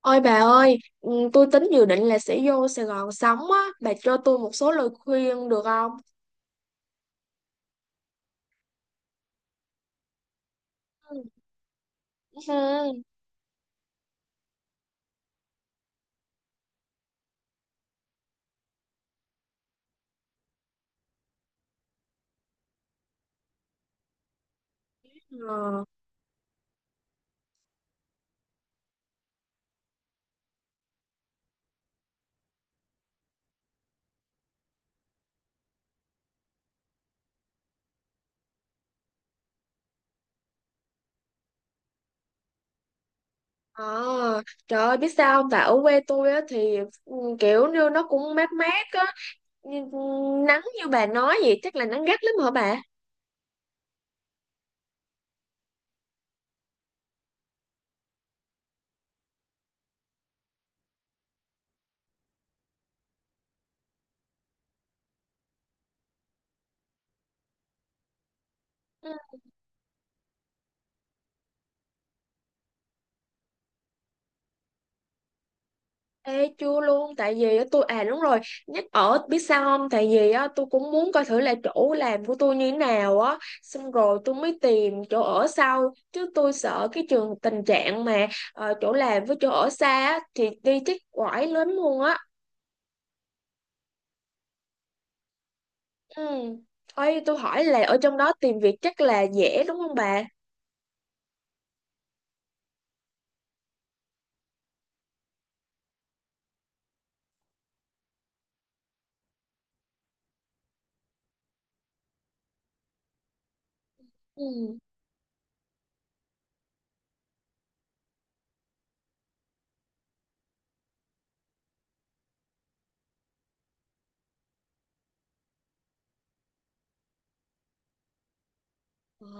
Ôi bà ơi, tôi tính dự định là sẽ vô Sài Gòn sống á, bà cho tôi một số lời khuyên được không? Ừ. Ừ. Ờ, ờ, Trời ơi, biết sao không? Tại ở quê tôi á thì kiểu như nó cũng mát mát á, nhưng nắng như bà nói vậy chắc là nắng gắt lắm hả bà? Ê, chưa luôn tại vì á, tôi à đúng rồi nhắc ở biết sao không tại vì á, tôi cũng muốn coi thử là chỗ làm của tôi như thế nào á xong rồi tôi mới tìm chỗ ở sau chứ tôi sợ cái trường tình trạng mà chỗ làm với chỗ ở xa á, thì đi chắc quải lắm luôn á. Ừ. Ê, tôi hỏi là ở trong đó tìm việc chắc là dễ đúng không bà? Ừ.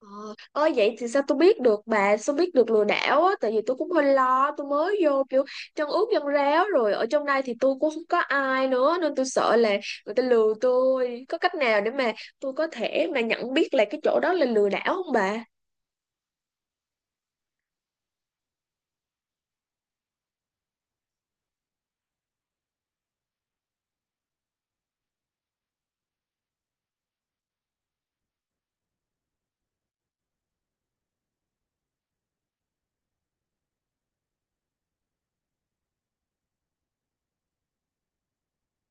Ờ, Ơi vậy thì sao tôi biết được bà sao biết được lừa đảo á, tại vì tôi cũng hơi lo tôi mới vô kiểu chân ướt chân ráo rồi ở trong đây thì tôi cũng không có ai nữa nên tôi sợ là người ta lừa tôi, có cách nào để mà tôi có thể mà nhận biết là cái chỗ đó là lừa đảo không bà?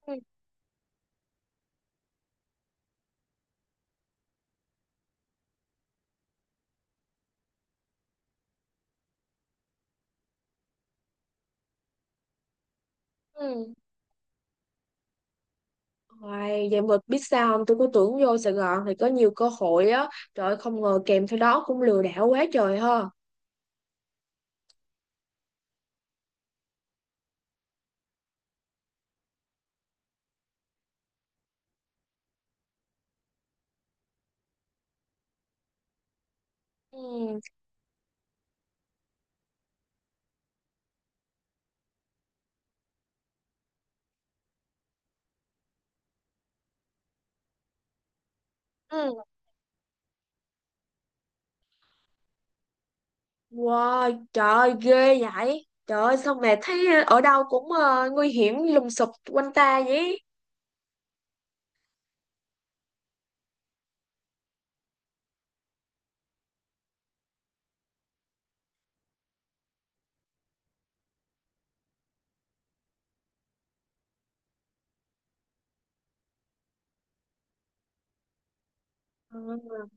Ừ. Ừ. Hoài, vậy mà biết sao không, tôi cứ tưởng vô Sài Gòn thì có nhiều cơ hội á, trời ơi, không ngờ kèm theo đó cũng lừa đảo quá trời ha. Ừ. Ừ. Wow, trời ơi, ghê vậy. Trời ơi, sao mẹ thấy ở đâu cũng nguy hiểm lùng sụp quanh ta vậy? Ừ,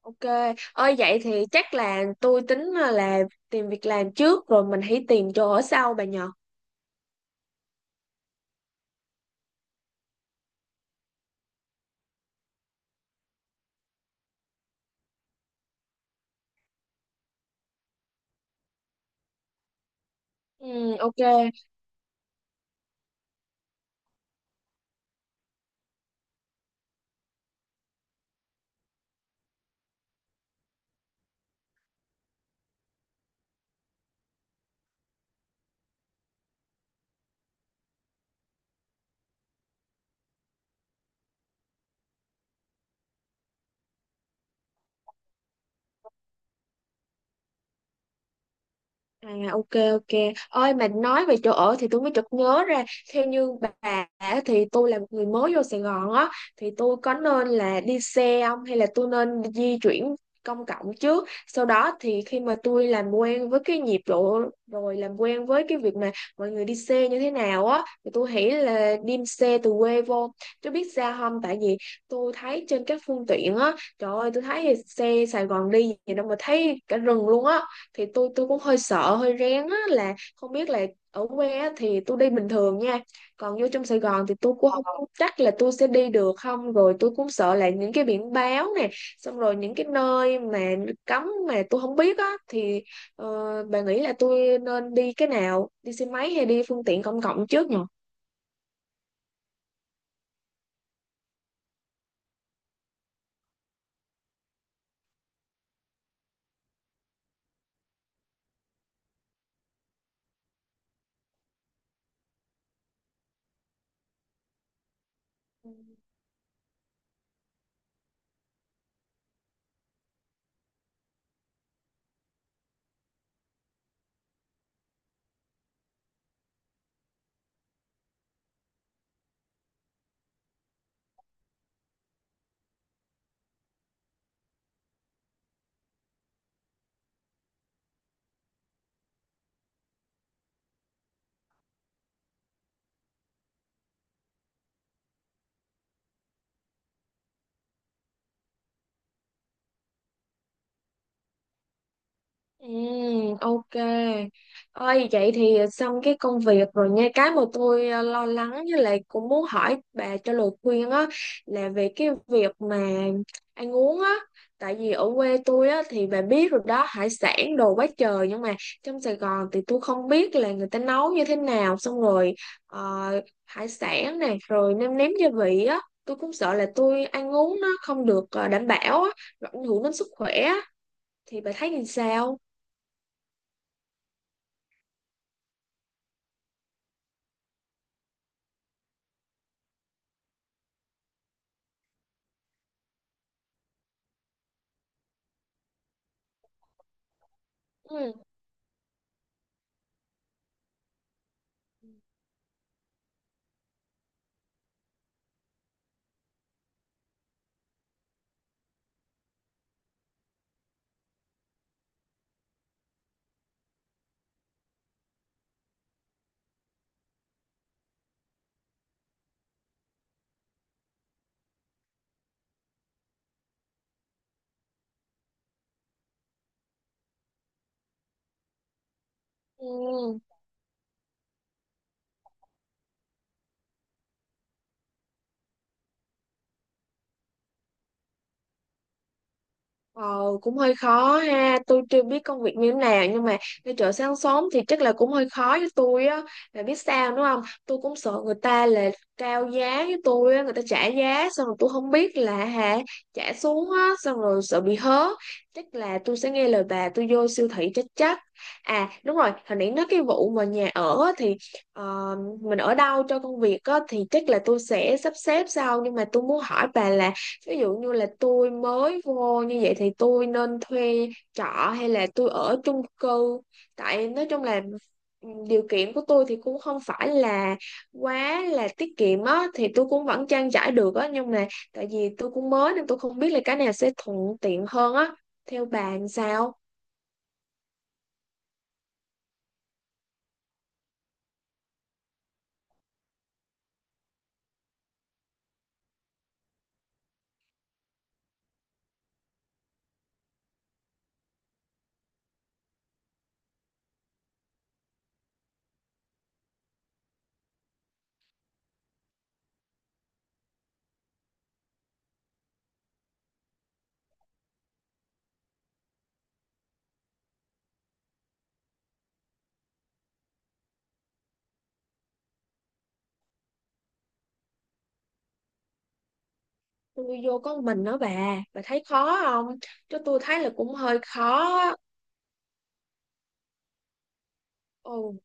ok. Ơi vậy thì chắc là tôi tính là tìm việc làm trước rồi mình hãy tìm chỗ ở sau bà nhờ. Ừ, ok. À, ok, ok. Ôi mà nói về chỗ ở thì tôi mới chợt nhớ ra. Theo như bà á, thì tôi là một người mới vô Sài Gòn á, thì tôi có nên là đi xe không, hay là tôi nên di chuyển công cộng trước? Sau đó thì khi mà tôi làm quen với cái nhịp độ, rồi làm quen với cái việc mà mọi người đi xe như thế nào á, thì tôi nghĩ là đi xe từ quê vô. Tôi biết sao không, tại vì tôi thấy trên các phương tiện á, trời ơi tôi thấy xe Sài Gòn đi gì đâu mà thấy cả rừng luôn á, thì tôi cũng hơi sợ hơi rén á, là không biết là ở quê á, thì tôi đi bình thường nha, còn vô trong Sài Gòn thì tôi cũng không chắc là tôi sẽ đi được không, rồi tôi cũng sợ là những cái biển báo nè, xong rồi những cái nơi mà cấm mà tôi không biết á thì ờ, bà nghĩ là tôi nên đi cái nào, đi xe máy hay đi phương tiện công cộng trước nhỉ? Ừ, ok. Ôi vậy thì xong cái công việc rồi nha. Cái mà tôi lo lắng với lại cũng muốn hỏi bà cho lời khuyên á là về cái việc mà ăn uống á. Tại vì ở quê tôi á thì bà biết rồi đó, hải sản đồ quá trời, nhưng mà trong Sài Gòn thì tôi không biết là người ta nấu như thế nào, xong rồi ờ, hải sản này rồi nêm nếm gia vị á. Tôi cũng sợ là tôi ăn uống nó không được đảm bảo á, rồi ảnh hưởng đến sức khỏe á. Thì bà thấy như sao? Ừ. Ừ. Ờ, Cũng hơi khó ha, tôi chưa biết công việc như thế nào, nhưng mà đi chợ sáng sớm thì chắc là cũng hơi khó với tôi á, là biết sao đúng không, tôi cũng sợ người ta là cao giá với tôi á, người ta trả giá xong rồi tôi không biết là hả, trả xuống á xong rồi sợ bị hớ, chắc là tôi sẽ nghe lời bà tôi vô siêu thị chắc chắc. À đúng rồi, hồi nãy nói cái vụ mà nhà ở á, thì mình ở đâu cho công việc á thì chắc là tôi sẽ sắp xếp sau, nhưng mà tôi muốn hỏi bà là ví dụ như là tôi mới vô như vậy thì tôi nên thuê trọ hay là tôi ở chung cư? Tại nói chung là điều kiện của tôi thì cũng không phải là quá là tiết kiệm á, thì tôi cũng vẫn trang trải được á, nhưng mà tại vì tôi cũng mới nên tôi không biết là cái nào sẽ thuận tiện hơn á, theo bà làm sao? Tôi vô có một mình đó bà thấy khó không? Chứ tôi thấy là cũng hơi khó á. Ừ.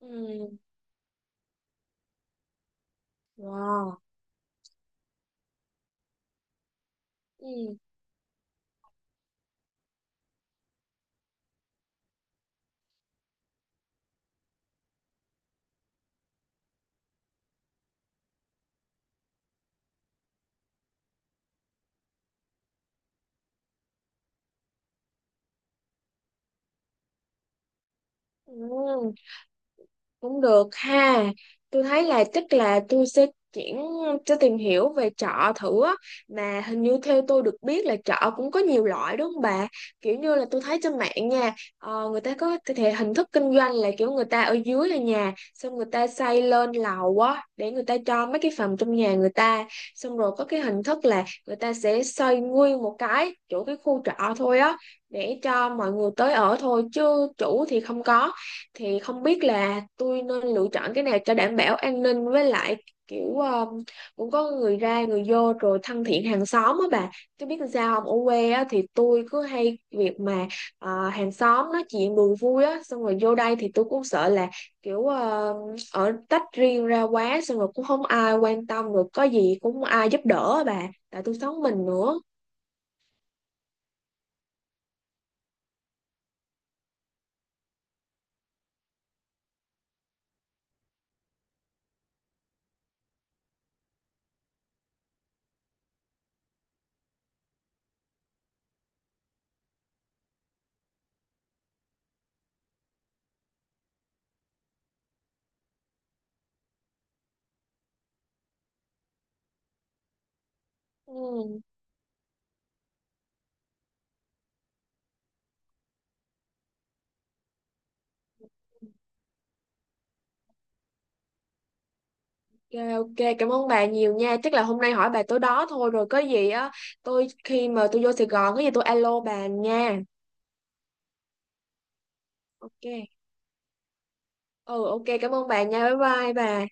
Ừ. Wow. Ừ. Ừ. Cũng được ha, tôi thấy là chắc là tôi sẽ chuyển, sẽ tìm hiểu về chợ thử á, mà hình như theo tôi được biết là chợ cũng có nhiều loại đúng không bà? Kiểu như là tôi thấy trên mạng nha, người ta có thể hình thức kinh doanh là kiểu người ta ở dưới là nhà xong người ta xây lên lầu á để người ta cho mấy cái phòng trong nhà người ta, xong rồi có cái hình thức là người ta sẽ xây nguyên một cái chỗ cái khu trọ thôi á để cho mọi người tới ở thôi chứ chủ thì không có. Thì không biết là tôi nên lựa chọn cái nào cho đảm bảo an ninh với lại kiểu cũng có người ra người vô rồi thân thiện hàng xóm á bà, chứ biết làm sao không, ở quê á thì tôi cứ hay việc mà hàng xóm nói chuyện đùa vui á, xong rồi vô đây thì tôi cũng sợ là kiểu ở tách riêng ra quá xong rồi cũng không ai quan tâm, rồi có gì cũng không ai giúp đỡ á bà, tại tôi sống mình nữa. Ừ. Rồi, ok, cảm ơn bà nhiều nha. Chắc là hôm nay hỏi bà tối đó thôi, rồi có gì á. Tôi khi mà tôi vô Sài Gòn có gì tôi alo bà nha. Ok. Ừ, ok, cảm ơn bà nha. Bye bye bà.